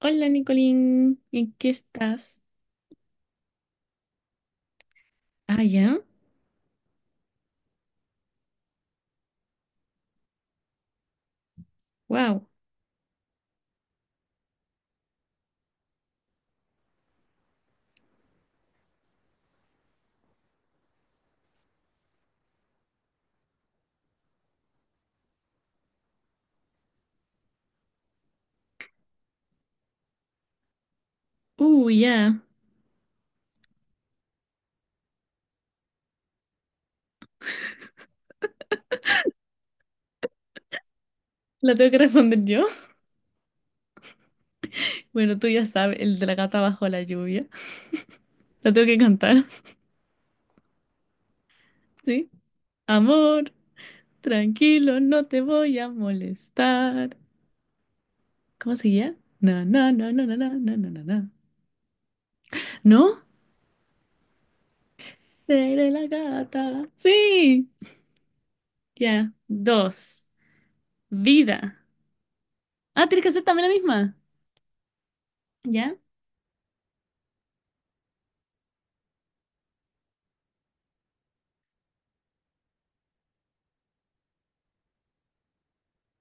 Hola, Nicolín, ¿en qué estás? Ah, ya. Wow. Ya. La tengo que responder yo. Bueno, tú ya sabes, el de la gata bajo la lluvia. La tengo que cantar, ¿sí? Amor, tranquilo, no te voy a molestar. ¿Cómo seguía? Na, na, na, na, na, na, na, na, na, na. ¿No? Seré la gata. Sí. Ya. Dos. Vida. Ah, tienes que hacer también la misma. ¿Ya?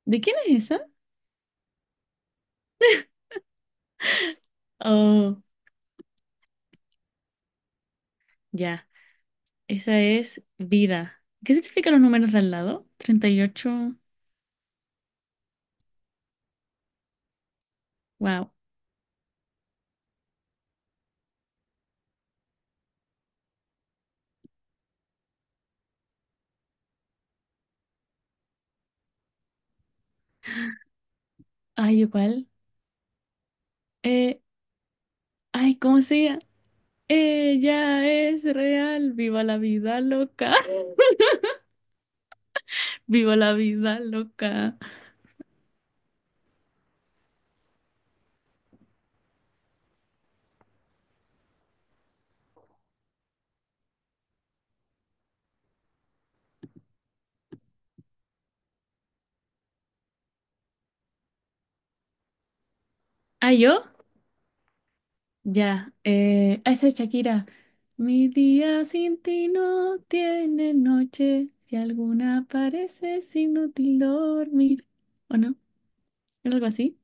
¿De quién es esa? Oh, ya. Esa es vida. ¿Qué significan los números de al lado? Treinta y ocho. Wow. Ay, igual. Eh, ay, ¿cómo se llama? Ella es real. Viva la vida loca. Viva la vida loca. ¿Ah, yo? Ya. Esa es Shakira. Mi día sin ti no tiene noche. Si alguna parece es inútil dormir. ¿O no? ¿Algo así?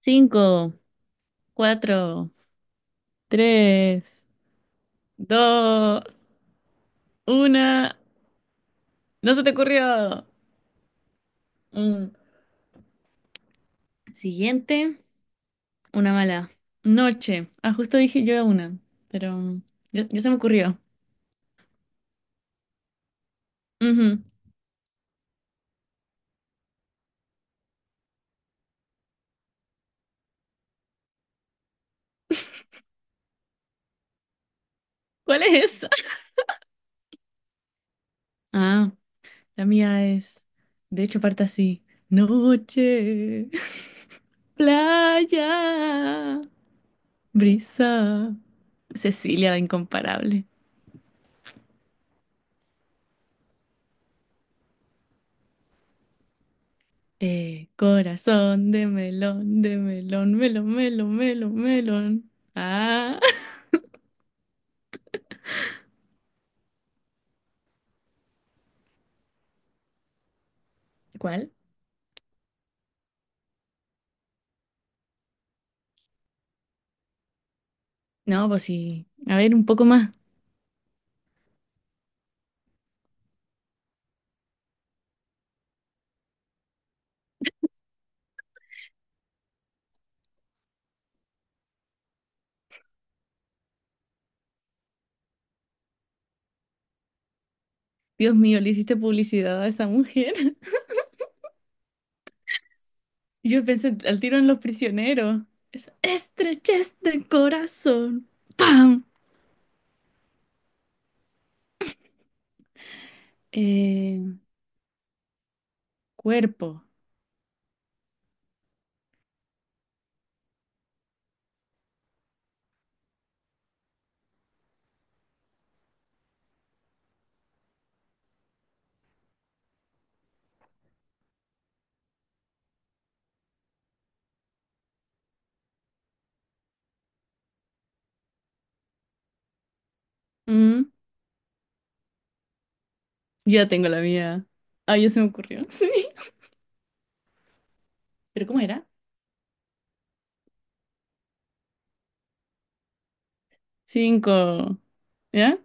Cinco, cuatro, tres. Dos, una. No se te ocurrió. Mm. Siguiente, una mala. Noche. Ah, justo dije yo una, pero ya, ya se me ocurrió. Ujú. ¿Cuál es esa? Ah, la mía es. De hecho, parte así. Noche, playa, brisa. Cecilia, la incomparable. Corazón de melón, melón, melón, melón, melón. Ah. ¿Cuál? No, pues sí. A ver, un poco más. Dios mío, le hiciste publicidad a esa mujer. Yo pensé al tiro en Los Prisioneros. Es estrechez del corazón. ¡Pam! Eh, cuerpo. Mm, ya tengo la mía. Ah, ya se me ocurrió. Sí. ¿Pero cómo era? Cinco. ¿Ya?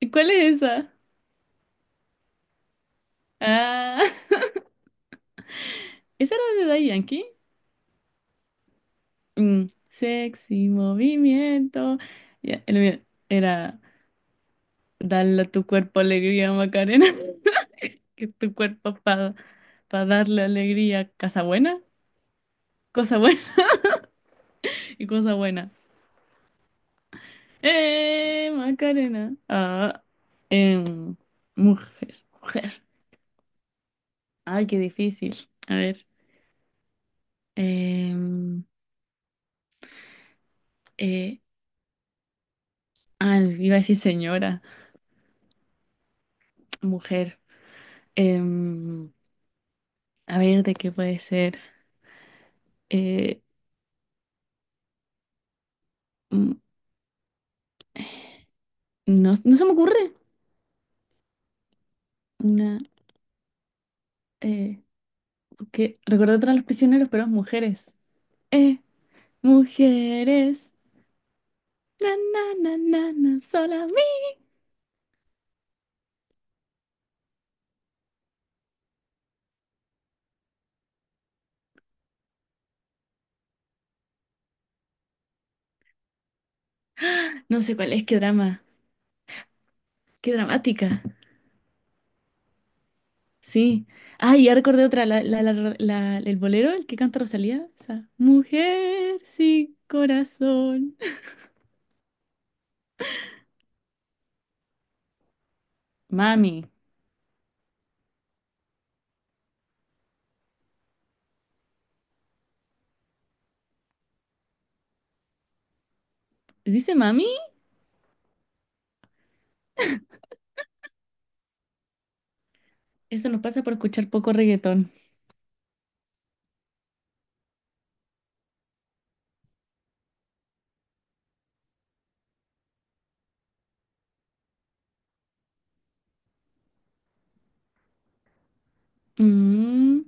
¿Y cuál es esa? Ah, ¿esa era de Daddy Yankee? Sexy movimiento. Ya, el mío era. Dale a tu cuerpo alegría, Macarena. Que tu cuerpo para darle alegría. Casa buena, cosa buena y cosa buena. ¡Eh, Macarena! Ah, em, mujer, mujer. Ay, qué difícil. A ver. em, eh, ah, iba a decir señora, mujer. Em, a ver, ¿de qué puede ser? Eh, mm, no se me ocurre. Una, eh, porque recordé otra de los prisioneros, pero es mujeres. Eh, mujeres. Na, na, na, na, na, sola mía. No sé cuál es, qué drama. Qué dramática. Sí. Ah, y ya recordé otra, el bolero, el que canta Rosalía. Esa. Mujer sin corazón. Mami. ¿Dice mami? Eso nos pasa por escuchar poco reggaetón. Mm.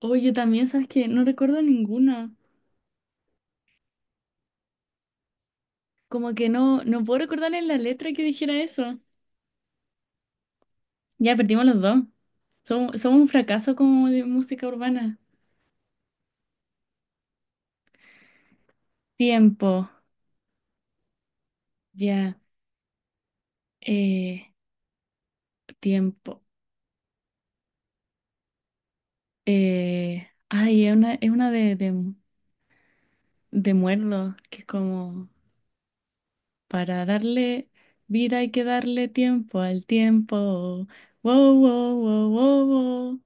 Oye, también, ¿sabes qué? No recuerdo ninguna. Como que no puedo recordar en la letra que dijera eso. Ya perdimos los dos. Somos un fracaso como de música urbana. Tiempo, ya. eh, tiempo. Ay, es una, de, muerdo, que es como para darle vida hay que darle tiempo al tiempo. Wow, wow, wow, wow, wow.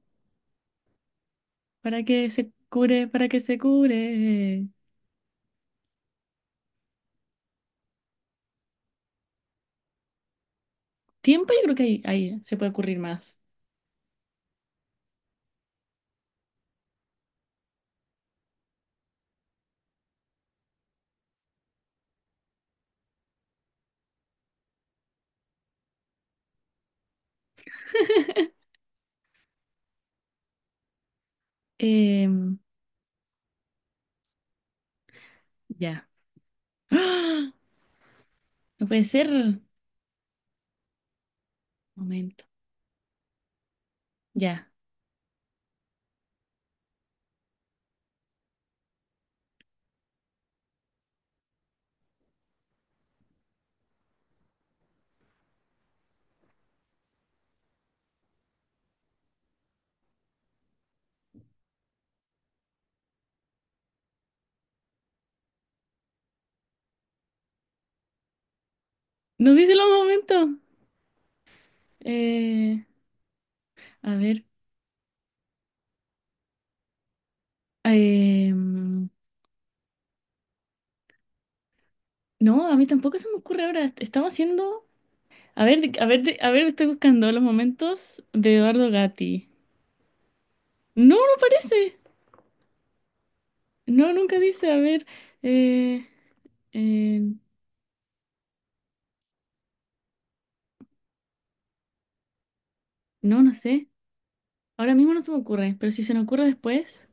Para que se cure, para que se cure. Tiempo, yo creo que ahí se puede ocurrir más. Em, ya. ¡Ah! No puede ser. Momento. Ya. No dice los momentos. Eh, a ver. Em, no, a mí tampoco se me ocurre ahora. Estamos haciendo. A ver, estoy buscando los momentos de Eduardo Gatti. No, no parece. No, nunca dice. A ver. eh, eh, no, no sé. Ahora mismo no se me ocurre, pero si se me ocurre después.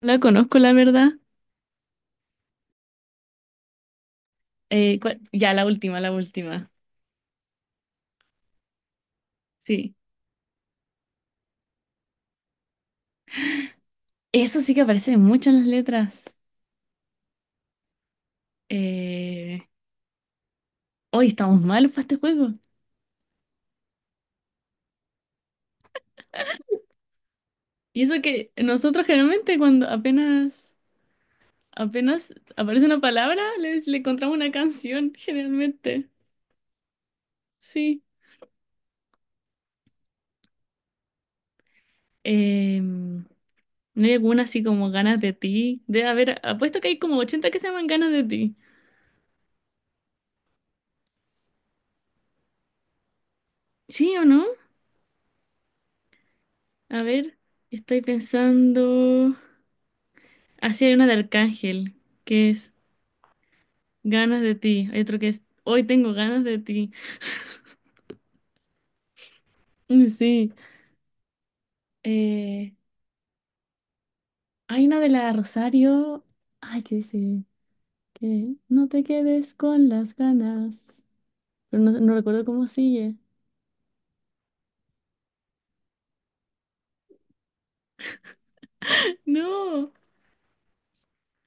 La conozco, la verdad. Ya, la última, la última. Sí. Eso sí que aparece mucho en las letras. Eh, hoy estamos malos para este juego. Y eso que nosotros generalmente cuando apenas. Apenas aparece una palabra, le encontramos una canción, generalmente. Sí. Em, no hay alguna así como ganas de ti. Debe haber, apuesto que hay como 80 que se llaman ganas de ti. ¿Sí o no? A ver, estoy pensando. Así hay una de Arcángel, que es ganas de ti. Hay otro que es hoy tengo ganas de ti. Mm, sí. Eh, hay una de la Rosario. Ay, ¿qué dice? Que no te quedes con las ganas, pero no recuerdo cómo sigue. No.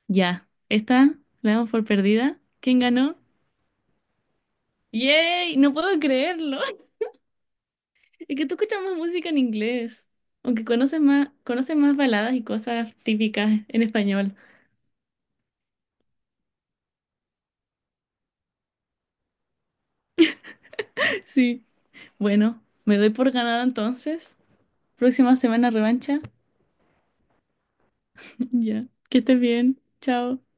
Ya, esta la damos por perdida. ¿Quién ganó? ¡Yay! No puedo creerlo. Es que tú escuchas más música en inglés. Aunque conoces más baladas y cosas típicas en español. Sí. Bueno, me doy por ganada entonces. Próxima semana revancha. Ya. Que estés bien. Chao.